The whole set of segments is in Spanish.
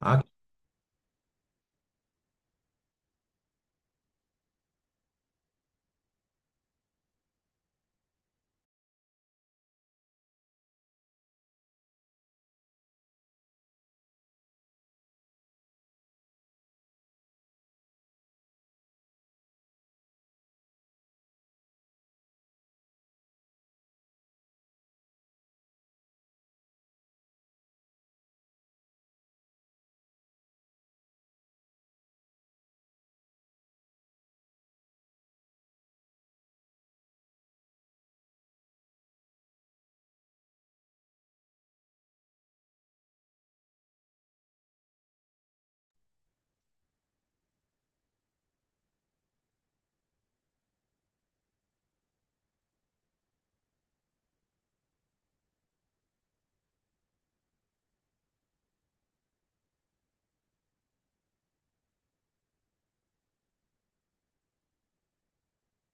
Ah,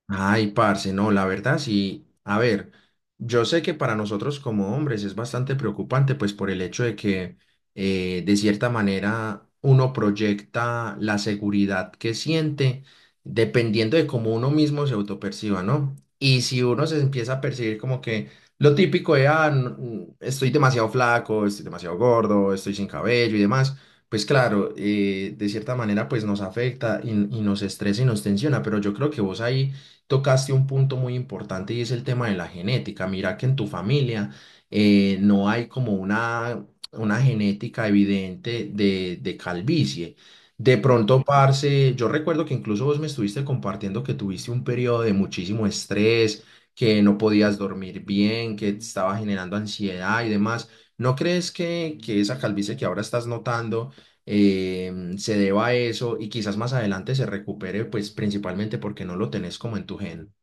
Ay, parce, no, la verdad sí. A ver, yo sé que para nosotros como hombres es bastante preocupante, pues por el hecho de que de cierta manera uno proyecta la seguridad que siente dependiendo de cómo uno mismo se autoperciba, ¿no? Y si uno se empieza a percibir como que lo típico de, no, estoy demasiado flaco, estoy demasiado gordo, estoy sin cabello y demás. Pues claro, de cierta manera pues nos afecta y nos estresa y nos tensiona, pero yo creo que vos ahí tocaste un punto muy importante y es el tema de la genética. Mira que en tu familia no hay como una, genética evidente de calvicie. De pronto, parce, yo recuerdo que incluso vos me estuviste compartiendo que tuviste un periodo de muchísimo estrés, que no podías dormir bien, que te estaba generando ansiedad y demás. ¿No crees que esa calvicie que ahora estás notando se deba a eso y quizás más adelante se recupere, pues principalmente porque no lo tenés como en tu gen?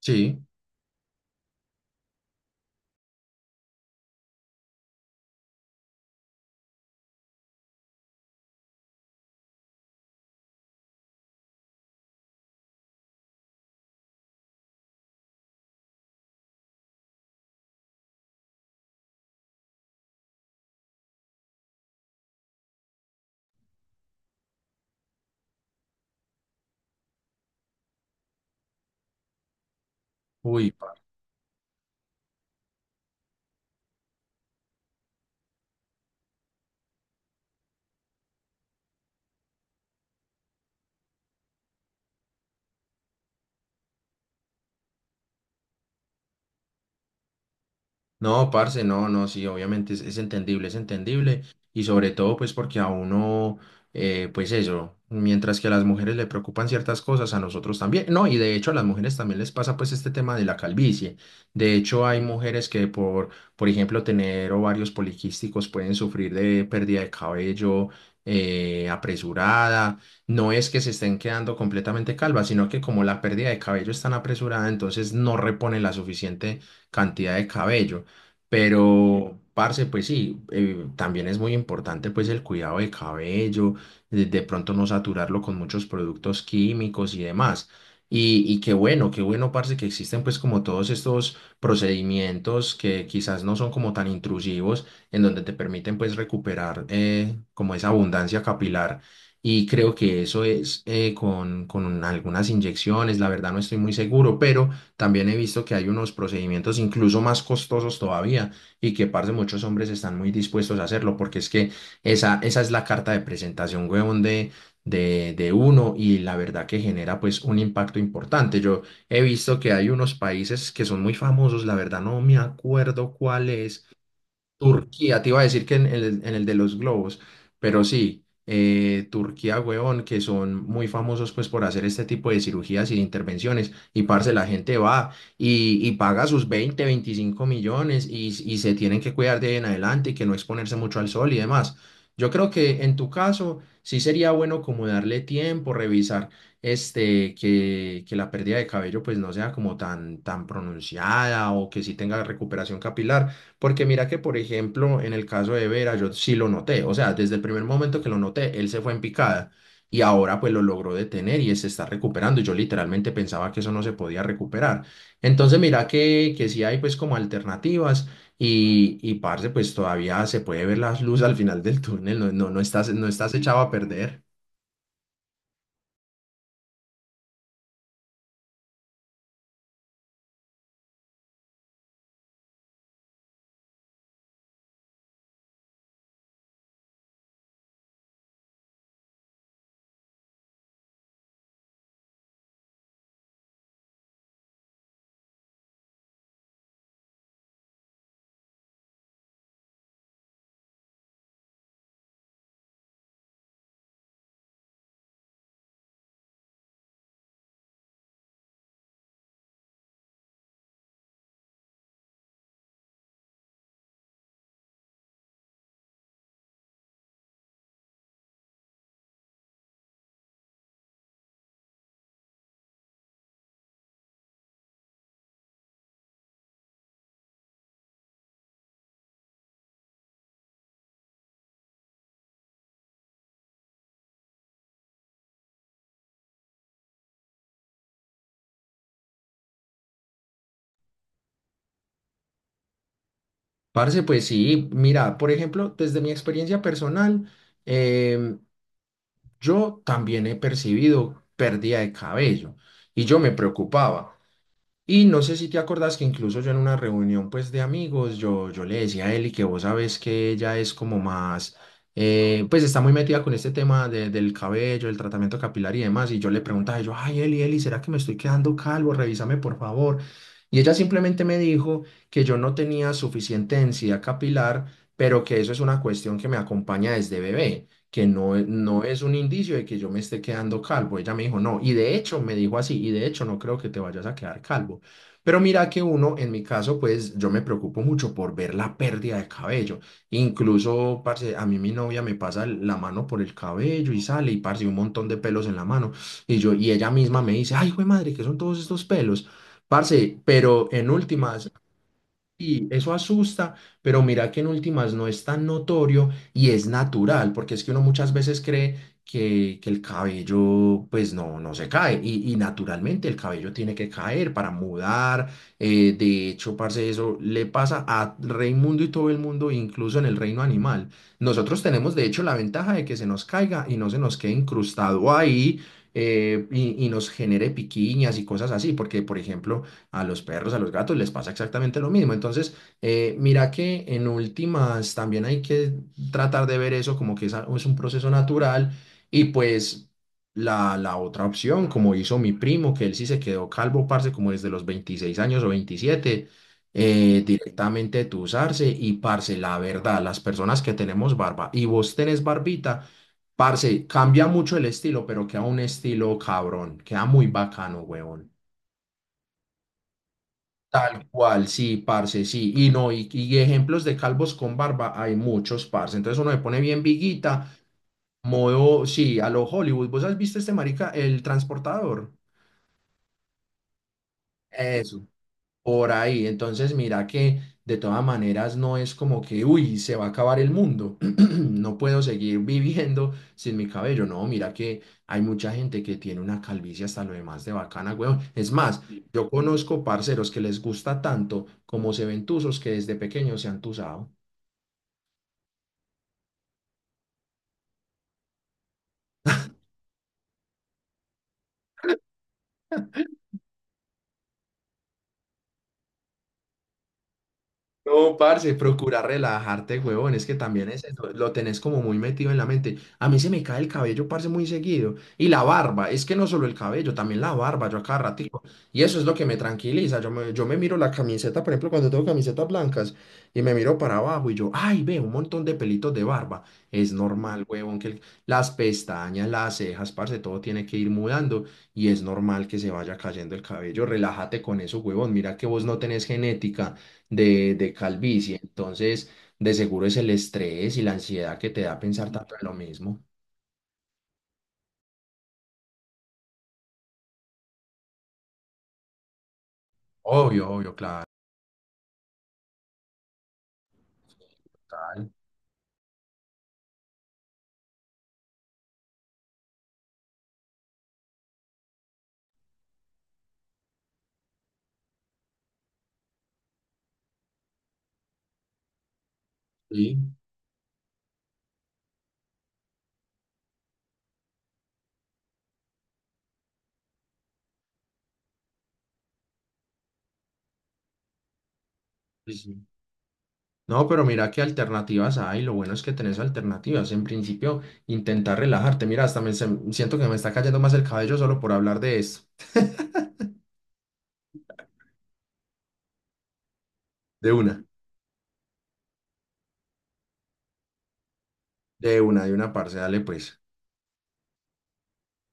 Sí, uy, no, parce, no, no, sí, obviamente es entendible, es entendible. Y sobre todo, pues porque a uno, pues eso, mientras que a las mujeres le preocupan ciertas cosas, a nosotros también. No, y de hecho a las mujeres también les pasa pues este tema de la calvicie. De hecho, hay mujeres que por ejemplo, tener ovarios poliquísticos pueden sufrir de pérdida de cabello. Apresurada, no es que se estén quedando completamente calvas, sino que como la pérdida de cabello es tan apresurada, entonces no reponen la suficiente cantidad de cabello. Pero, parce, pues sí, también es muy importante pues el cuidado de cabello, de pronto no saturarlo con muchos productos químicos y demás. Y qué bueno, parce, que existen pues como todos estos procedimientos que quizás no son como tan intrusivos, en donde te permiten pues recuperar como esa abundancia capilar. Y creo que eso es con algunas inyecciones, la verdad no estoy muy seguro, pero. También he visto que hay unos procedimientos incluso más costosos todavía y que, parce, muchos hombres están muy dispuestos a hacerlo porque es que esa es la carta de presentación, huevón, de uno, y la verdad que genera pues un impacto importante. Yo he visto que hay unos países que son muy famosos, la verdad no me acuerdo cuál es. Turquía, te iba a decir que en el, de los globos, pero sí, Turquía, huevón, que son muy famosos pues por hacer este tipo de cirugías y de intervenciones, y parce, la gente va y paga sus 20-25 millones y se tienen que cuidar de ahí en adelante y que no exponerse mucho al sol y demás. Yo creo que en tu caso sí sería bueno como darle tiempo, revisar este, que la pérdida de cabello pues no sea como tan, tan pronunciada o que sí tenga recuperación capilar, porque mira que, por ejemplo, en el caso de Vera, yo sí lo noté. O sea, desde el primer momento que lo noté, él se fue en picada y ahora pues lo logró detener y se está recuperando. Yo literalmente pensaba que eso no se podía recuperar. Entonces, mira que, sí hay pues como alternativas y parce, pues todavía se puede ver las luces al final del túnel. No, no, no estás echado a perder. Parce, pues sí, mira, por ejemplo, desde mi experiencia personal, em, yo también he percibido pérdida de cabello y yo me preocupaba. Y no sé si te acordás que incluso yo en una reunión pues de amigos, yo le decía a Eli, que vos sabes que ella es como más, pues está muy metida con este tema de- del cabello, el tratamiento capilar y demás. Y yo le preguntaba, yo, ay Eli, Eli, ¿será que me estoy quedando calvo? Revísame por favor. Y ella simplemente me dijo que yo no tenía suficiente densidad capilar, pero que eso es una cuestión que me acompaña desde bebé, que no, no es un indicio de que yo me esté quedando calvo. Ella me dijo, no, y de hecho me dijo así, y de hecho no creo que te vayas a quedar calvo. Pero mira que uno, en mi caso, pues yo me preocupo mucho por ver la pérdida de cabello. Incluso, parce, a mí mi novia me pasa la mano por el cabello y sale y, parce, un montón de pelos en la mano. Y ella misma me dice, ay, güey madre, ¿qué son todos estos pelos? Parce, pero en últimas, y eso asusta, pero mira que en últimas no es tan notorio y es natural, porque es que uno muchas veces cree que el cabello pues no, no se cae y naturalmente el cabello tiene que caer para mudar. De hecho, parce, eso le pasa a Raimundo y todo el mundo, incluso en el reino animal. Nosotros tenemos de hecho la ventaja de que se nos caiga y no se nos quede incrustado ahí. Y nos genere piquiñas y cosas así, porque por ejemplo, a los perros, a los gatos les pasa exactamente lo mismo. Entonces, mira que en últimas también hay que tratar de ver eso como que es, es un proceso natural. Y pues la otra opción, como hizo mi primo, que él sí se quedó calvo, parce, como desde los 26 años o 27, directamente tusarse, y parce, la verdad, las personas que tenemos barba, y vos tenés barbita, parce, cambia mucho el estilo, pero queda un estilo cabrón, queda muy bacano, huevón. Tal cual, sí, parce, sí. Y no, y ejemplos de calvos con barba hay muchos, parce. Entonces uno se pone bien viguita, modo, sí, a lo Hollywood. ¿Vos has visto este marica, el transportador? Eso. Por ahí, entonces mira que de todas maneras no es como que, uy, se va a acabar el mundo, no puedo seguir viviendo sin mi cabello, no, mira que hay mucha gente que tiene una calvicie hasta lo demás de bacana, weón. Es más, yo conozco parceros que les gusta tanto como se ven tuzos, que desde pequeños se han tuzado. No, parce, procura relajarte, huevón. Es que también es eso, lo tenés como muy metido en la mente. A mí se me cae el cabello, parce, muy seguido. Y la barba, es que no solo el cabello, también la barba, yo a cada ratico. Y eso es lo que me tranquiliza. Yo me miro la camiseta, por ejemplo, cuando tengo camisetas blancas, y me miro para abajo y yo, ay, ve, un montón de pelitos de barba. Es normal, huevón, que las pestañas, las cejas, parce, todo tiene que ir mudando. Y es normal que se vaya cayendo el cabello. Relájate con eso, huevón. Mira que vos no tenés genética de calvicie. Entonces, de seguro es el estrés y la ansiedad que te da pensar tanto en lo mismo. Obvio, obvio, claro. Total. Sí, sí, sí. No, pero mira qué alternativas hay. Lo bueno es que tenés alternativas. En principio, intentar relajarte. Mira, hasta siento que me está cayendo más el cabello solo por hablar de esto. De una. De una, de una, parce, dale pues.